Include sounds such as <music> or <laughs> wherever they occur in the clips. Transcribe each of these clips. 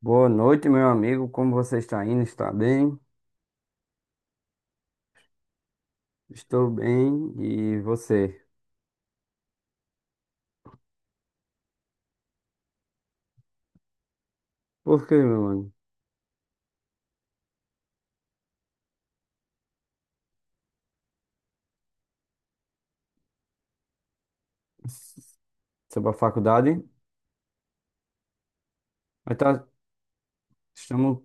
Boa noite, meu amigo. Como você está indo? Está bem? Estou bem. E você? Por quê, meu mano? Sobre a faculdade? Mas tá, estamos,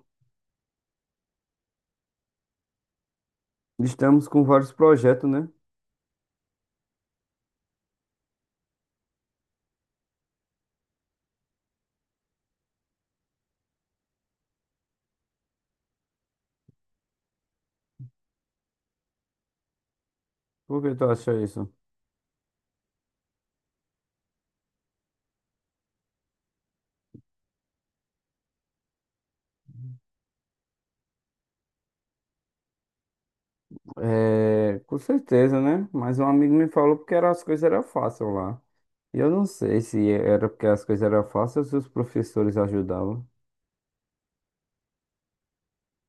estamos com vários projetos, né? Por que tu acha isso? É, com certeza, né? Mas um amigo me falou porque era, as coisas eram fáceis lá. E eu não sei se era porque as coisas eram fáceis ou se os professores ajudavam.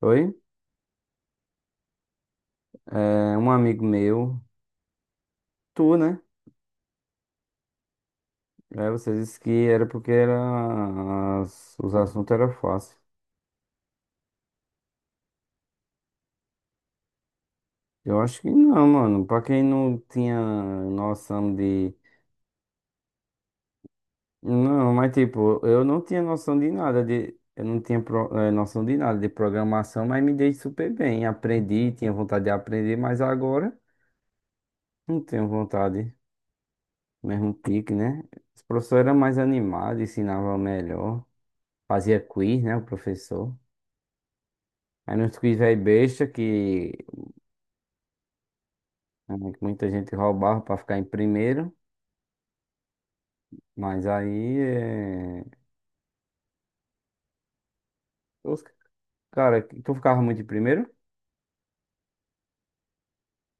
Oi? É, um amigo meu, tu, né? É, você disse que era porque era, os assuntos eram fáceis. Eu acho que não, mano. Pra quem não tinha noção de. Não, mas tipo, eu não tinha noção de nada de. Eu não tinha noção de nada de programação, mas me dei super bem. Aprendi, tinha vontade de aprender, mas agora não tenho vontade. Mesmo pique, né? Os professores eram mais animados, ensinavam melhor. Fazia quiz, né? O professor. Aí nos quiz velho besta, que eh, muita gente roubava pra ficar em primeiro. Mas aí. É... Cara, tu ficava muito em primeiro?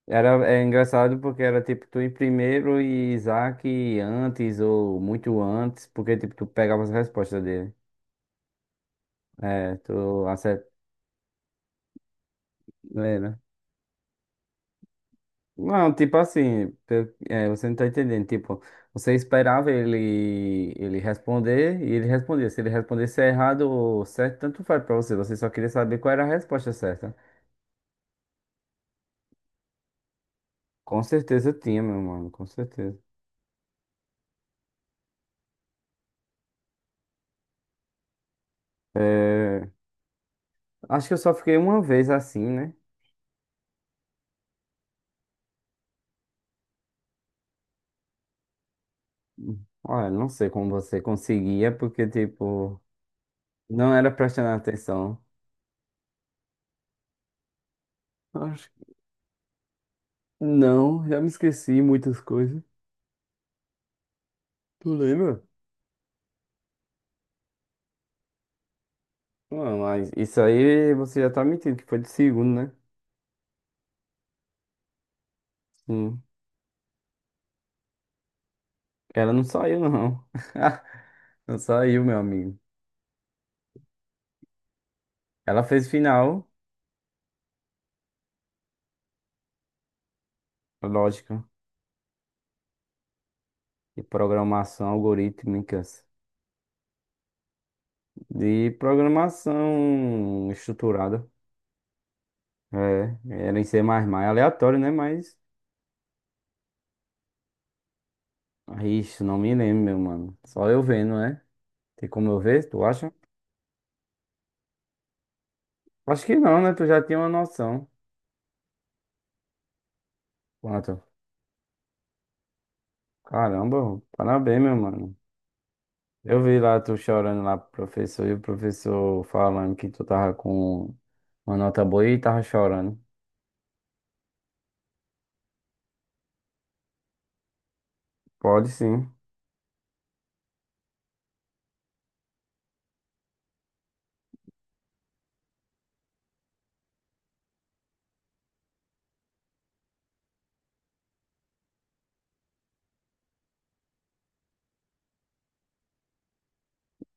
Era, é engraçado porque era tipo tu em primeiro e Isaac antes ou muito antes, porque tipo tu pegava as respostas dele. É, tu acertava. Não, tipo assim, é, você não tá entendendo. Tipo, você esperava ele responder e ele respondia. Se ele respondesse errado ou certo, tanto faz pra você. Você só queria saber qual era a resposta certa. Com certeza tinha, meu mano, com certeza. É, acho que eu só fiquei uma vez assim, né? Olha, não sei como você conseguia, porque, tipo, não era prestando atenção. Acho que não, já me esqueci muitas coisas. Tu lembra? Não, mas isso aí você já tá mentindo, que foi de segundo, né? Sim. Ela não saiu, não. <laughs> Não saiu, meu amigo. Ela fez final, lógica, de programação algorítmicas, de programação estruturada. É, era em C++, mais, aleatório, né? Mas Ixi, não me lembro, meu mano. Só eu vendo, né? Tem como eu ver, tu acha? Acho que não, né? Tu já tinha uma noção. Quanto? Caramba, parabéns, meu mano. Eu vi lá tu chorando lá pro professor e o professor falando que tu tava com uma nota boa e tava chorando. Pode sim.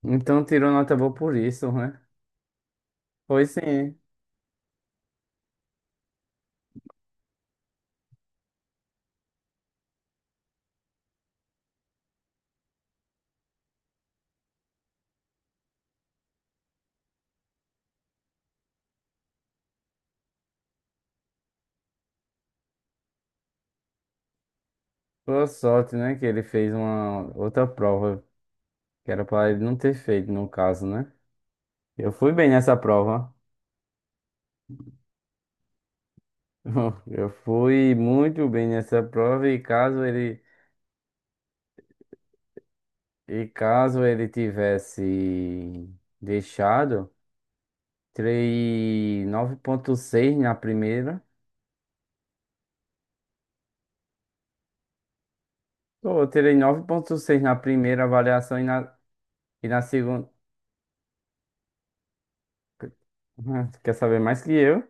Então tirou nota boa por isso, né? Foi sim. Boa sorte, né? Que ele fez uma outra prova que era pra ele não ter feito, no caso, né? Eu fui bem nessa prova. <laughs> Eu fui muito bem nessa prova e caso ele tivesse deixado, tirei 9,6 na primeira. Pô, eu tirei 9,6 na primeira avaliação e na segunda. <laughs> Ah, tu quer saber mais que eu?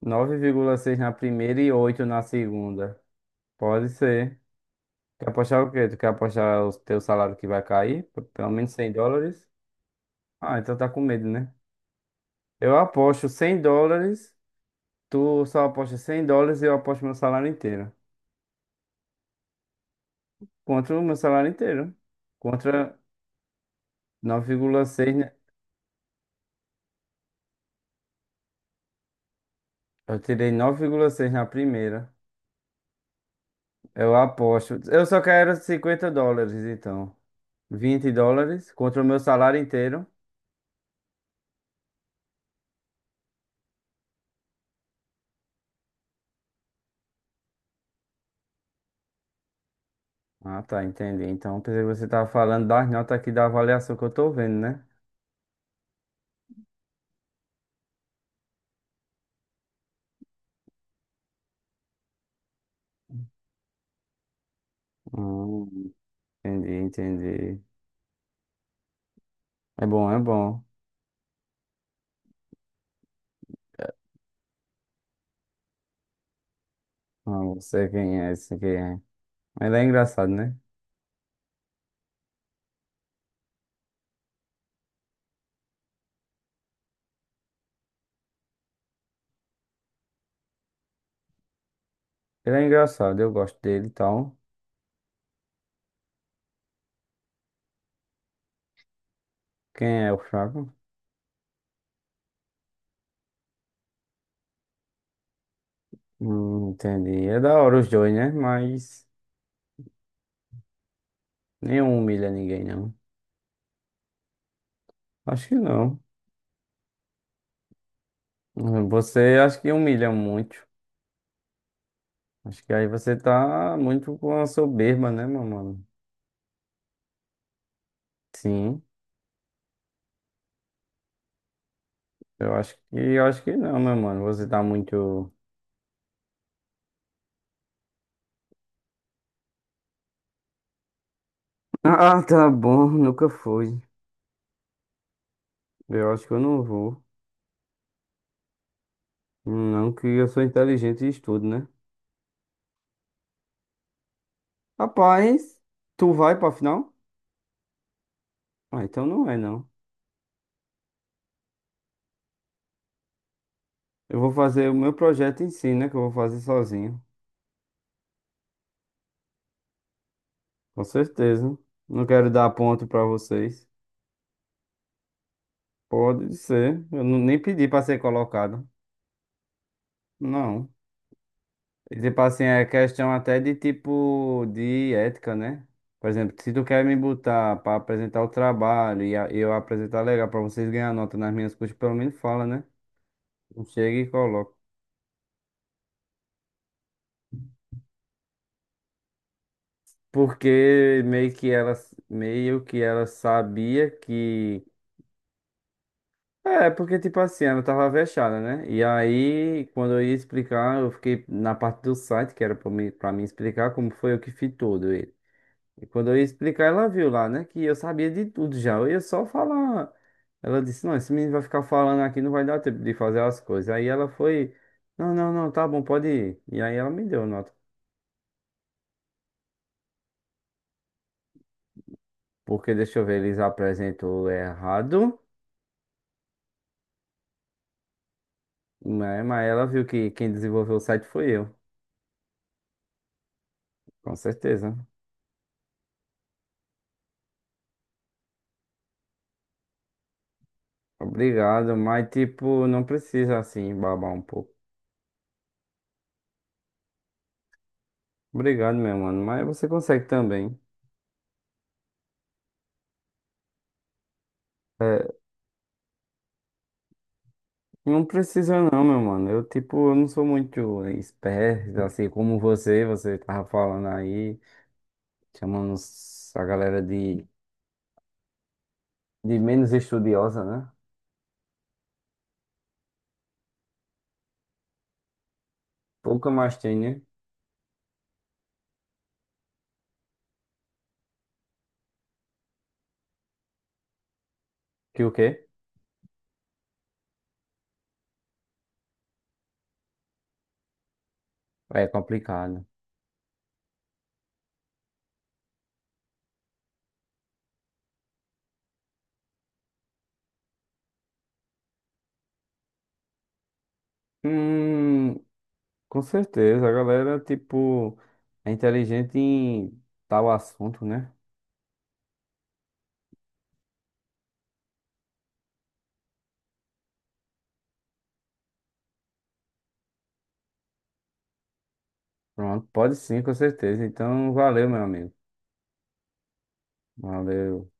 9,6 na primeira e 8 na segunda. Pode ser. Quer apostar o quê? Tu quer apostar o teu salário que vai cair? P- Pelo menos US$ 100? Ah, então tá com medo, né? Eu aposto US$ 100. Tu só aposta US$ 100 e eu aposto meu salário inteiro. Contra o meu salário inteiro. Contra 9,6, né? Eu tirei 9,6 na primeira. Eu aposto. Eu só quero US$ 50, então. US$ 20 contra o meu salário inteiro. Ah, tá, entendi. Então, pensei que você tava falando das notas aqui da avaliação que eu tô vendo, né? Hum, Entendi, entendi. É bom, é bom. Ah, eu sei quem é, sei quem é. Ele é engraçado, né? Ele é engraçado, eu gosto dele e tal. Quem é o fraco? Entendi. É da hora os dois, né? Mas nenhum humilha ninguém, não. Acho que não. Você acho que humilha muito. Acho que aí você tá muito com a soberba, né, meu mano? Sim. Eu acho que não, meu mano. Você tá muito. Ah, tá bom, nunca foi. Eu acho que eu não vou. Não que eu sou inteligente e estudo, né? Rapaz, tu vai pra final? Ah, então não é não. Eu vou fazer o meu projeto em si, né? Que eu vou fazer sozinho. Com certeza. Não quero dar ponto pra vocês. Pode ser. Eu nem pedi pra ser colocado. Não. E, tipo assim, é questão até de tipo de ética, né? Por exemplo, se tu quer me botar pra apresentar o trabalho e eu apresentar legal pra vocês ganhar nota nas minhas coisas, pelo menos fala, né? Não chega e coloca. Porque meio que ela sabia que. É, porque, tipo assim, ela tava fechada, né? E aí, quando eu ia explicar, eu fiquei na parte do site, que era pra mim explicar como foi eu que fiz todo ele. E quando eu ia explicar, ela viu lá, né? Que eu sabia de tudo já. Eu ia só falar. Ela disse, não, esse menino vai ficar falando aqui, não vai dar tempo de fazer as coisas. Aí ela foi, não, não, não, tá bom, pode ir. E aí ela me deu nota. Porque, deixa eu ver, eles apresentou errado, né? Mas ela viu que quem desenvolveu o site foi eu, com certeza. Obrigado, mas tipo, não precisa assim babar um pouco. Obrigado, meu mano, mas você consegue também. É, não precisa não, meu mano. Eu, tipo, eu não sou muito esperto, assim, como você tava falando aí, chamando a galera de, menos estudiosa, né? Pouca mais tem, né? Que o quê? É complicado. Hum, com certeza, a galera, tipo, é inteligente em tal assunto, né? Pronto, pode sim, com certeza. Então, valeu, meu amigo. Valeu.